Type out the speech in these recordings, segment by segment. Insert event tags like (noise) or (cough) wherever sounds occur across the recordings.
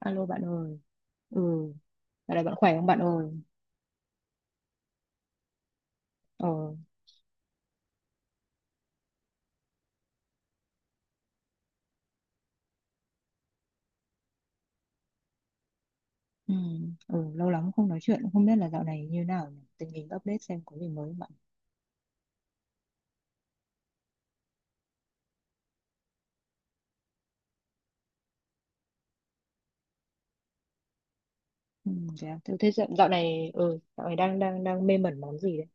Alo bạn ơi. Ừ, dạo này bạn khỏe không bạn ơi? Ờ, ừ, ừ, lâu lắm không nói chuyện, không biết là dạo này như nào nhỉ? Tình hình update xem có gì mới không bạn. Ừ, thế à? Thế dạo này dạo này đang đang đang mê mẩn món gì đấy?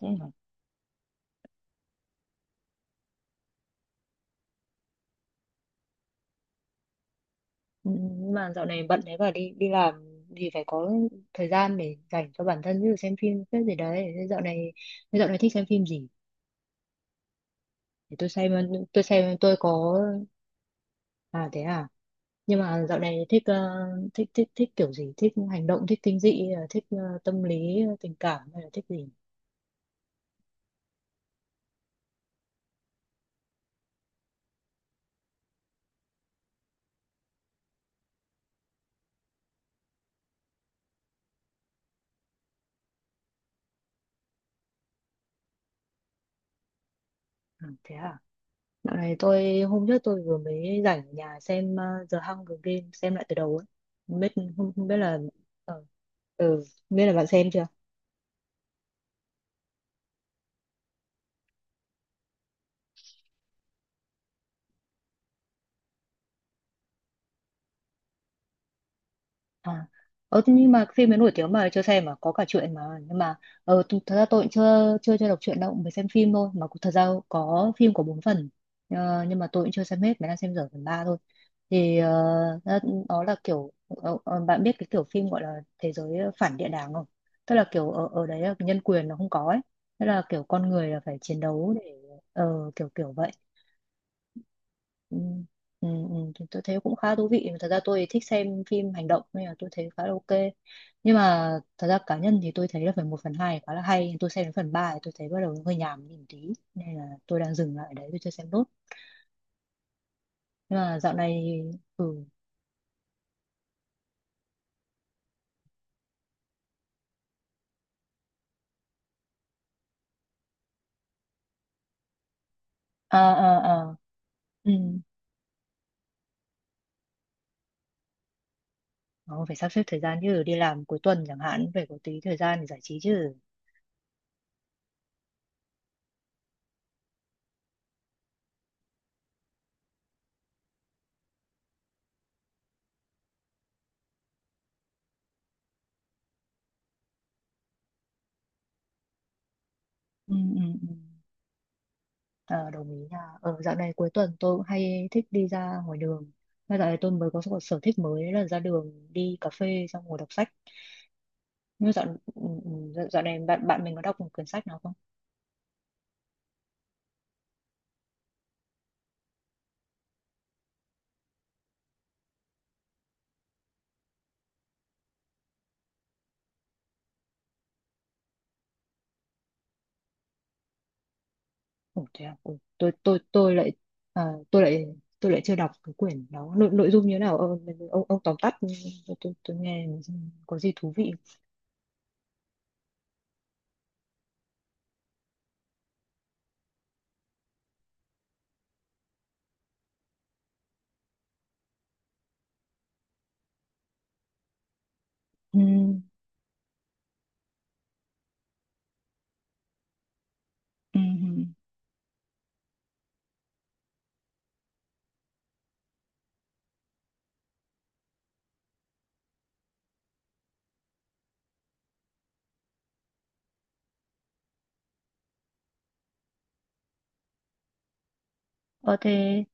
Thế hả? Ừ, nhưng mà dạo này bận thế và đi đi làm thì phải có thời gian để dành cho bản thân như xem phim cái gì đấy. Thế dạo này thích xem phim gì? Để tôi xem tôi có. À thế à? Nhưng mà dạo này thích thích kiểu gì, thích hành động, thích kinh dị, thích tâm lý tình cảm hay là thích gì. À, thế à. Dạo này tôi hôm trước tôi vừa mới rảnh ở nhà xem The Hunger Games, xem lại từ đầu ấy. Không biết, không biết là ờ, ừ, không biết là bạn xem chưa. à Thế nhưng mà phim ấy nổi tiếng mà chưa xem mà có cả truyện mà. Nhưng mà thật ra tôi cũng chưa chưa chưa đọc truyện đâu, mới xem phim thôi thật ra có phim có bốn phần. Ờ, nhưng mà tôi cũng chưa xem hết, mới đang xem dở phần ba thôi, thì nó, nó là kiểu bạn biết cái kiểu phim gọi là thế giới phản địa đàng không? Tức là kiểu ở ở đấy là nhân quyền nó không có ấy, tức là kiểu con người là phải chiến đấu để kiểu kiểu vậy. Ừ, ừ, ừ, thì tôi thấy cũng khá thú vị, thật ra tôi thích xem phim hành động nên là tôi thấy khá là ok. Nhưng mà thật ra cá nhân thì tôi thấy là phần một phần 2 khá là hay, tôi xem đến phần 3 thì tôi thấy bắt đầu hơi nhàm đi một tí nên là tôi đang dừng lại ở đấy, tôi chưa xem nốt. Nhưng mà dạo này. Ừ. À, à, à. Ừ. Ờ, phải sắp xếp thời gian chứ, đi làm cuối tuần chẳng hạn phải có tí thời gian để giải trí chứ. Ừ, ừ, ừ. Ờ, đồng ý nha. Ở dạo này cuối tuần tôi cũng hay thích đi ra ngoài đường, mà dạo này tôi mới có một sở thích mới là ra đường đi cà phê xong ngồi đọc sách. Nhưng mà dạo này bạn bạn mình có đọc một quyển sách nào không? Ủa, thế à? Ủa, tôi lại à, tôi lại chưa đọc cái quyển đó. Nội dung như thế nào, ông tóm tắt, tôi nghe có gì thú vị. Ừ, ừ, ừ. Ờ thế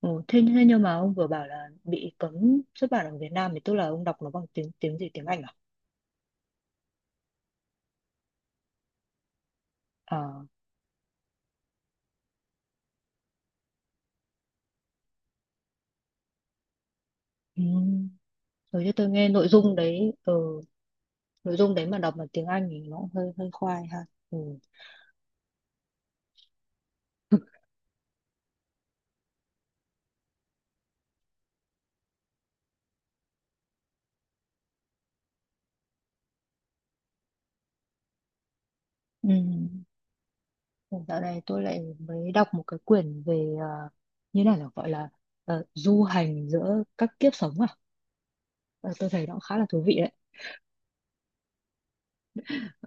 thế nhưng mà ông vừa bảo là bị cấm xuất bản ở Việt Nam thì tức là ông đọc nó bằng tiếng tiếng gì, tiếng Anh à? À, ừ. Rồi cho tôi nghe nội dung đấy, nội dung đấy mà đọc bằng tiếng Anh thì nó cũng hơi hơi khoai ha. Ừ. Ừ. Dạo này tôi lại mới đọc một cái quyển về như này là gọi là du hành giữa các kiếp sống à? Ờ, tôi thấy nó cũng khá là thú vị đấy.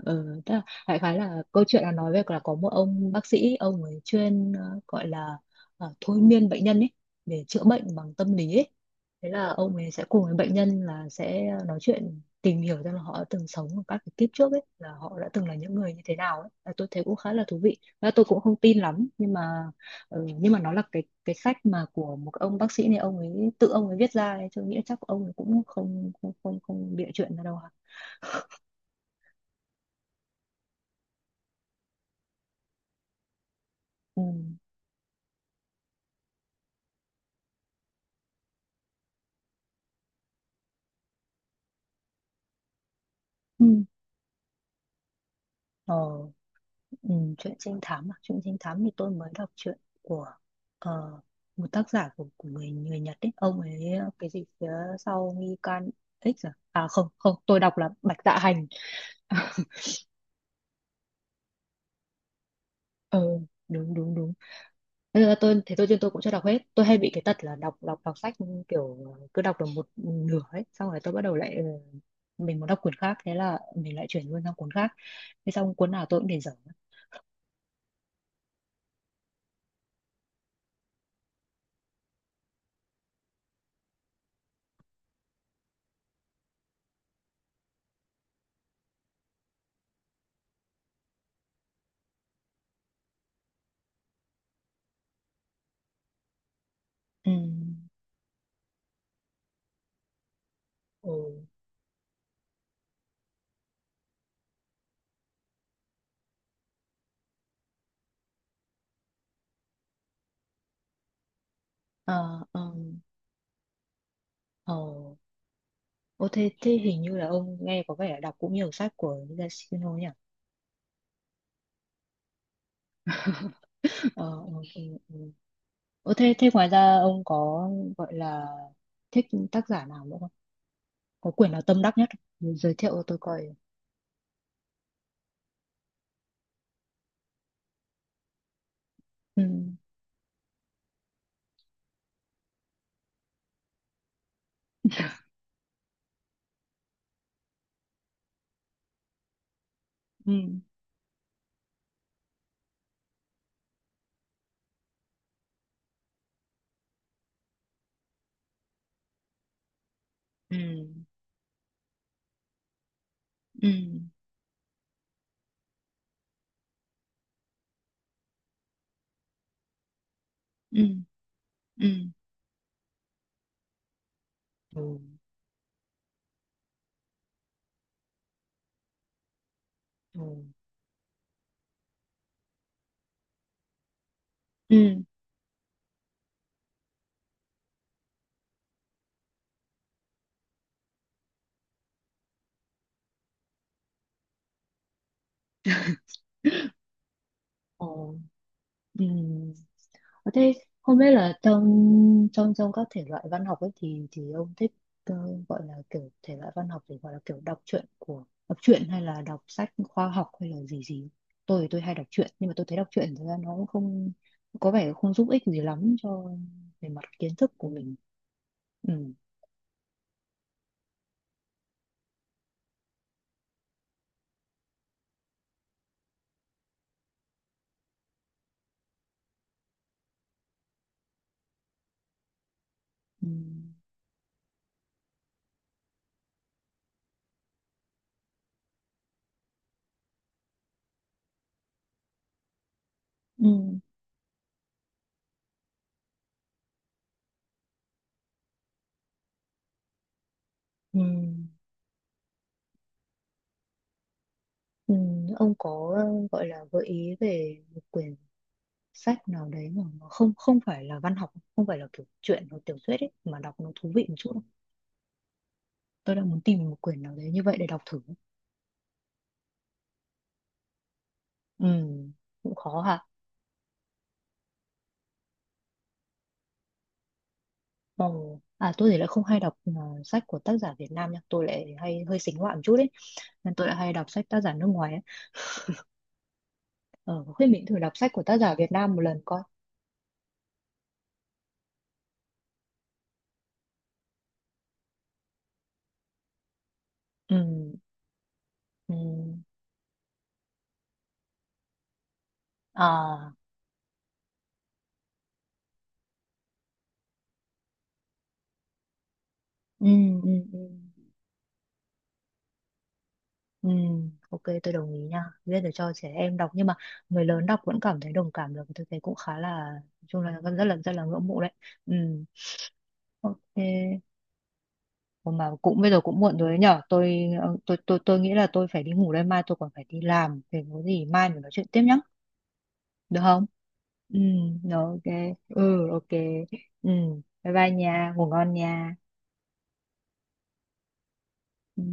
Ừ, tức là đại khái là câu chuyện là nói về là có một ông bác sĩ, ông ấy chuyên gọi là thôi miên bệnh nhân ấy để chữa bệnh bằng tâm lý ấy. Thế là ông ấy sẽ cùng với bệnh nhân là sẽ nói chuyện tìm hiểu xem là họ đã từng sống ở các cái kiếp trước ấy, là họ đã từng là những người như thế nào ấy. Và tôi thấy cũng khá là thú vị, và tôi cũng không tin lắm nhưng mà ừ, nhưng mà nó là cái sách mà của một cái ông bác sĩ này, ông ấy tự ông ấy viết ra ấy. Tôi nghĩ chắc ông ấy cũng không không không không bịa chuyện ra đâu hả. Ừ. Ừ. Ờ. Ừ, chuyện trinh thám à? Chuyện trinh thám thì tôi mới đọc chuyện của ờ, một tác giả của người người Nhật ấy, ông ấy cái gì phía sau nghi can X. À à, không không, tôi đọc là Bạch Dạ Hành. (laughs) Ờ, đúng đúng đúng. Thế là tôi cũng chưa đọc hết. Tôi hay bị cái tật là đọc đọc đọc sách, kiểu cứ đọc được một nửa ấy xong rồi tôi bắt đầu lại, mình muốn đọc cuốn khác, thế là mình lại chuyển luôn sang cuốn khác, thế xong cuốn nào tôi cũng để dở. Ừ. Ừ. Ờ, ờ, ờ. Ô thế hình như là ông nghe có vẻ là đọc cũng nhiều sách của Yasuhiro nhỉ? (laughs) Ờ, ừ, ừ, ừ. Ờ, thế ngoài ra ông có gọi là thích tác giả nào nữa không? Có quyển nào tâm đắc nhất không? Giới thiệu tôi coi. Ừ, ừ, ừ, ừ, ừ, ừ, ừ, ừ, ừ, ừ, ừ. Ờ, thế không biết là trong trong trong các thể loại văn học ấy thì ông thích ờ, gọi là kiểu thể loại văn học, thì gọi là kiểu đọc truyện của đọc truyện hay là đọc sách khoa học hay là gì gì. Tôi thì tôi hay đọc truyện, nhưng mà tôi thấy đọc truyện thực ra nó cũng không có vẻ không giúp ích gì lắm cho, về mặt kiến thức của mình. Ừ. Ừ. Ừ. Ừ. Ừ. Ông có gọi là gợi ý về một quyển sách nào đấy mà nó không không phải là văn học, không phải là kiểu truyện hoặc tiểu thuyết ấy, mà đọc nó thú vị một chút. Tôi đang muốn tìm một quyển nào đấy như vậy để đọc thử. Ừ, cũng khó hả. Ồ, à, tôi thì lại không hay đọc sách của tác giả Việt Nam nha, tôi lại hay hơi xính ngoại một chút ấy, nên tôi lại hay đọc sách tác giả nước ngoài ấy. Ờ, có khuyên mình thử đọc sách của tác giả Việt Nam một lần coi. Ừ, ừ, à, ừ, ừ, ừ. Ừ, ok tôi đồng ý nha, viết để cho trẻ em đọc nhưng mà người lớn đọc vẫn cảm thấy đồng cảm được, tôi thấy cũng khá là, nói chung là rất là rất là ngưỡng mộ đấy. Ừ, ok. Ủa mà cũng bây giờ cũng muộn rồi đấy nhở, tôi nghĩ là tôi phải đi ngủ đây, mai tôi còn phải đi làm, thì có gì mai mình nói chuyện tiếp nhá. Được không? Ừ, rồi, ok. Ừ, ok. Ừ, bye bye nha, ngủ ngon nha. Ừ.